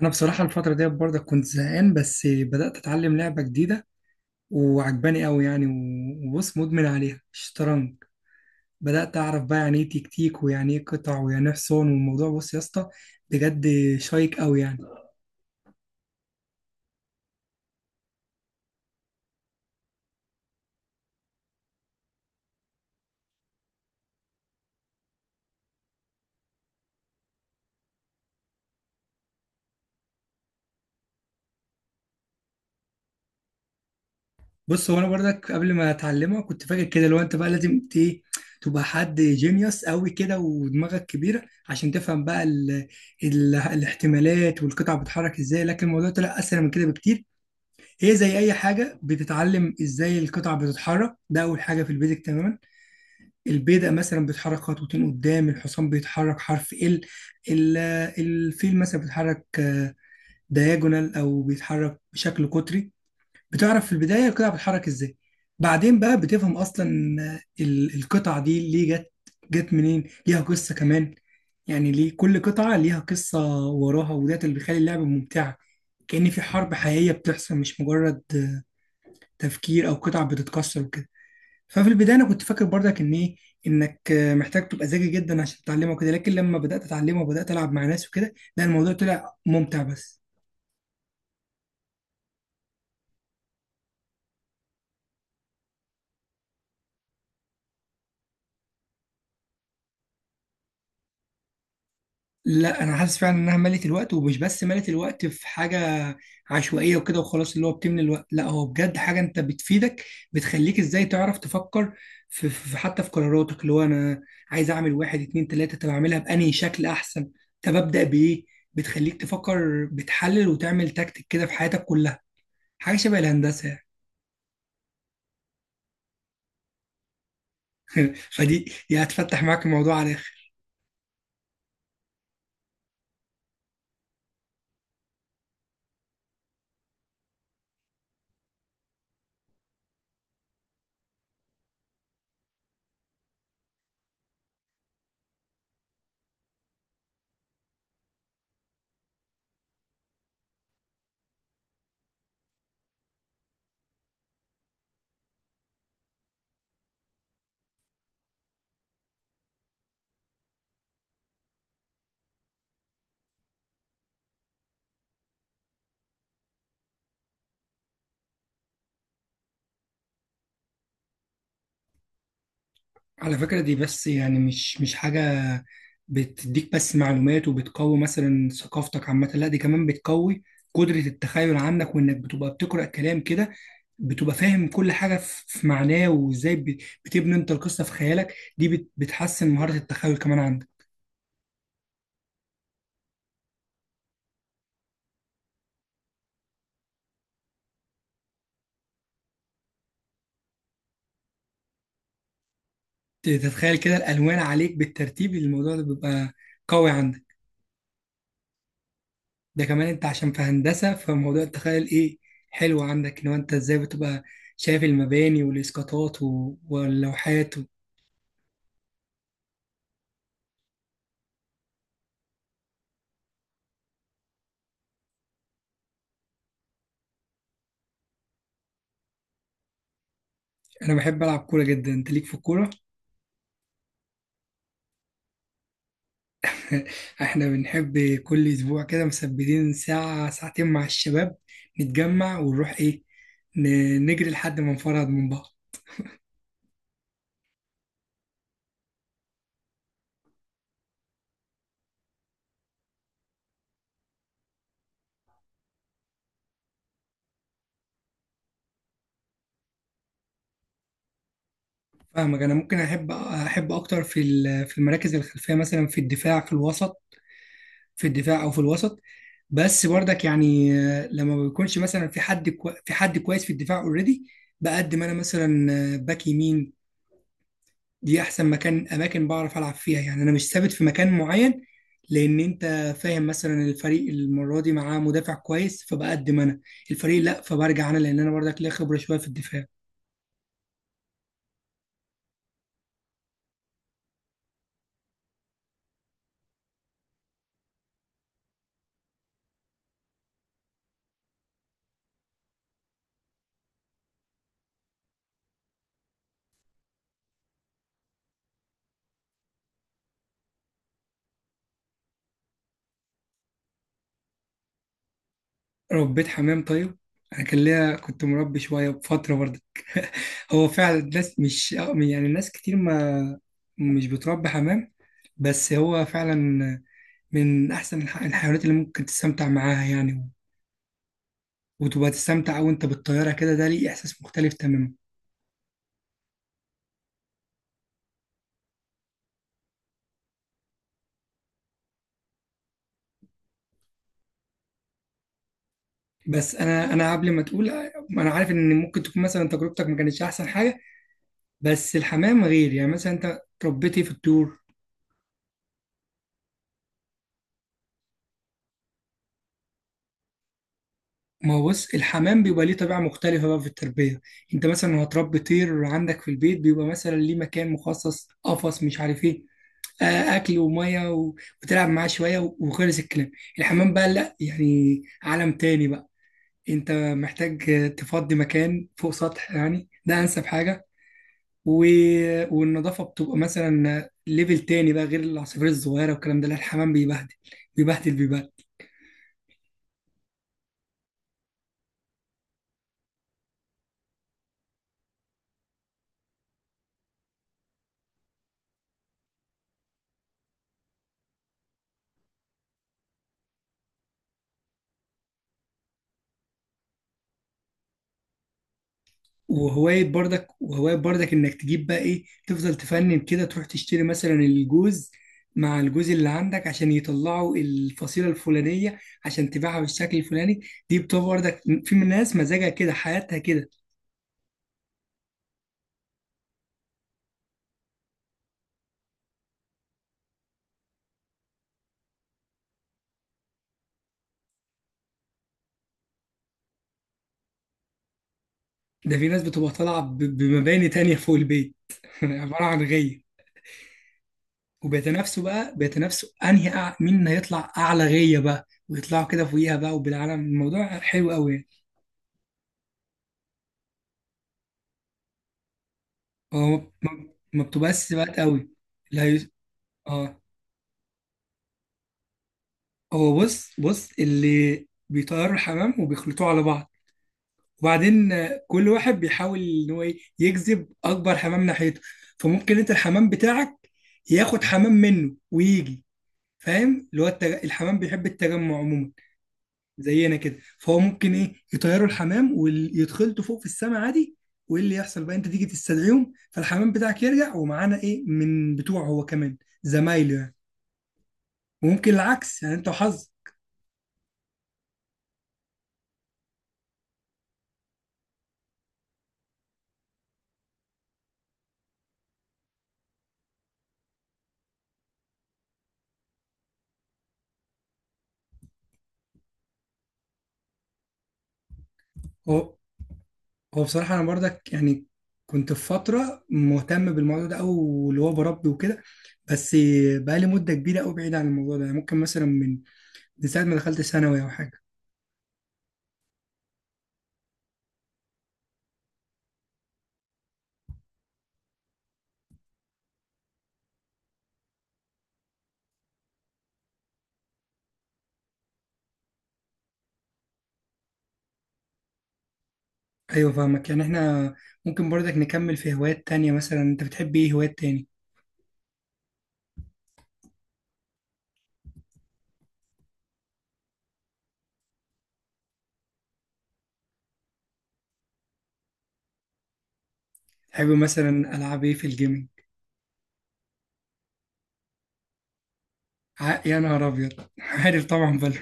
انا بصراحه الفتره ديت برضه كنت زهقان، بس بدات اتعلم لعبه جديده وعجباني قوي يعني، و- وبص، مدمن عليها الشطرنج. بدات اعرف بقى يعني ايه تكتيك، ويعني ايه قطع، ويعني ايه حصان، والموضوع بص يا اسطى، بجد شيق قوي يعني. بص، هو انا برضك قبل ما اتعلمها كنت فاكر كده، لو انت بقى لازم ايه، تبقى حد جينيوس قوي كده ودماغك كبيره عشان تفهم بقى الاحتمالات والقطع بتتحرك ازاي، لكن الموضوع طلع اسهل من كده بكتير. هي زي اي حاجه، بتتعلم ازاي القطع بتتحرك، ده اول حاجه في البيزك تماما. البيدق مثلا بتتحرك خطوتين قدام، الحصان بيتحرك حرف ال، ال- الفيل مثلا بيتحرك دياجونال او بيتحرك بشكل قطري. بتعرف في البدايه القطع بتتحرك ازاي، بعدين بقى بتفهم اصلا القطع دي ليه جت منين، ليها قصه كمان. يعني ليه كل قطعه ليها قصه وراها، وده اللي بيخلي اللعبه ممتعه، كأن في حرب حقيقيه بتحصل، مش مجرد تفكير او قطع بتتكسر وكده. ففي البدايه انا كنت فاكر برضك ان ايه، انك محتاج تبقى ذكي جدا عشان تتعلمه وكده، لكن لما بدات اتعلمه وبدات العب مع ناس وكده، لا الموضوع طلع ممتع بس. لا، انا حاسس فعلا انها ملت الوقت، ومش بس ملت الوقت في حاجه عشوائيه وكده وخلاص اللي هو بتملى الوقت، لا هو بجد حاجه انت بتفيدك، بتخليك ازاي تعرف تفكر في حتى في قراراتك، اللي هو انا عايز اعمل واحد اتنين تلاته، طب اعملها بانهي شكل احسن، طب ابدا بايه، بتخليك تفكر بتحلل وتعمل تكتيك كده في حياتك كلها. حاجه شبه الهندسه يعني. فدي هتفتح معاك الموضوع على فكرة، دي بس يعني مش حاجة بتديك بس معلومات وبتقوي مثلا ثقافتك عامة، لا دي كمان بتقوي قدرة التخيل عندك، وإنك بتبقى بتقرأ كلام كده بتبقى فاهم كل حاجة في معناه، وإزاي بتبني أنت القصة في خيالك، دي بتحسن مهارة التخيل كمان عندك. تتخيل كده الألوان عليك بالترتيب، الموضوع ده بيبقى قوي عندك، ده كمان انت عشان في هندسة، فموضوع التخيل ايه حلو عندك، ان هو انت ازاي بتبقى شايف المباني والاسقاطات واللوحات انا بحب العب كورة جدا، انت ليك في الكورة. احنا بنحب كل اسبوع كده مثبتين ساعة ساعتين مع الشباب، نتجمع ونروح ايه، نجري لحد ما نفرهد من بعض. فاهمك، انا ممكن احب اكتر في في المراكز الخلفية، مثلا في الدفاع في الوسط، في الدفاع او في الوسط، بس برضك يعني لما ما بيكونش مثلا في حد في حد كويس في الدفاع اوريدي، بقدم انا مثلا باك يمين. دي احسن مكان اماكن بعرف العب فيها يعني، انا مش ثابت في مكان معين، لان انت فاهم مثلا الفريق المره دي معاه مدافع كويس فبقدم انا، الفريق لا فبرجع انا، لان انا برضك ليا خبره شويه في الدفاع. ربيت حمام طيب، انا كان ليا كنت مربي شويه بفتره برضك. هو فعلا الناس مش يعني الناس كتير ما مش بتربي حمام، بس هو فعلا من احسن الحيوانات اللي ممكن تستمتع معاها يعني، وتبقى تستمتع وانت بالطياره كده، ده ليه احساس مختلف تماما. بس انا قبل ما تقول، انا عارف ان ممكن تكون مثلا تجربتك ما كانتش احسن حاجه، بس الحمام غير يعني، مثلا انت ربيتي في الطيور. ما هو بص، الحمام بيبقى ليه طبيعة مختلفة بقى في التربية، انت مثلا لو هتربي طير عندك في البيت بيبقى مثلا ليه مكان مخصص قفص مش عارف ايه، اكل وميه و- وتلعب معاه شوية و- وخلص الكلام. الحمام بقى لا يعني عالم تاني بقى، انت محتاج تفضي مكان فوق سطح، يعني ده انسب حاجة و... والنظافة بتبقى مثلا ليفل تاني بقى، غير العصافير الصغيرة والكلام ده، لا الحمام بيبهدل بيبهدل بيبهدل. وهواية برضك انك تجيب بقى ايه، تفضل تفنن كده، تروح تشتري مثلا الجوز مع الجوز اللي عندك عشان يطلعوا الفصيلة الفلانية، عشان تبيعها بالشكل الفلاني، دي بتبقى برضك في من ناس مزاجها كده حياتها كده. ده في ناس بتبقى طالعة بمباني تانية فوق البيت. عبارة عن غية، وبيتنافسوا بقى بيتنافسوا انهي مين هيطلع اعلى غية بقى، ويطلعوا كده فوقيها بقى، وبالعالم الموضوع حلو قوي يعني. هو ما بتبقاش سباقات قوي. لا، اه، هو بص بص اللي بيطيروا الحمام وبيخلطوه على بعض، وبعدين كل واحد بيحاول ان هو إيه، يجذب اكبر حمام ناحيته، فممكن انت الحمام بتاعك ياخد حمام منه ويجي، فاهم اللي هو الحمام بيحب التجمع عموما زينا كده، فهو ممكن ايه، يطيروا الحمام ويتخلطوا فوق في السماء عادي، وايه اللي يحصل بقى، انت تيجي تستدعيهم فالحمام بتاعك يرجع ومعانا ايه من بتوعه هو كمان، زمايله يعني، وممكن العكس يعني انت وحظك. هو بصراحة أنا برضك يعني كنت في فترة مهتم بالموضوع ده، أو اللي هو بربي وكده، بس بقالي مدة كبيرة أوي بعيد عن الموضوع ده يعني، ممكن مثلا من ساعة ما دخلت ثانوي أو حاجة. أيوة فاهمك، يعني إحنا ممكن برضك نكمل في هوايات تانية، مثلا أنت بتحب إيه هوايات تاني؟ تحب مثلا ألعاب إيه في الجيمنج؟ يا نهار أبيض، عارف طبعا بل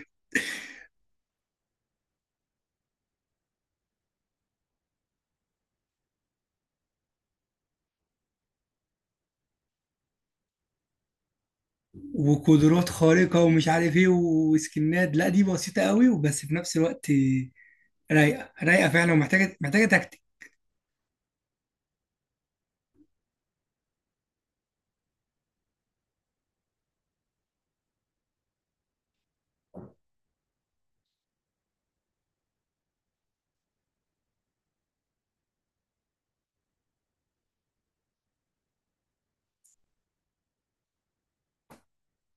وقدرات خارقة ومش عارف إيه وسكنات، لا دي بسيطة أوي وبس، في نفس الوقت رايقة رايقة فعلا، ومحتاجة محتاجة.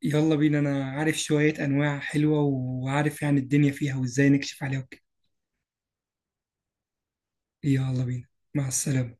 يلا بينا، انا عارف شوية انواع حلوة وعارف يعني الدنيا فيها وازاي نكشف عليها وكده. يلا بينا، مع السلامة.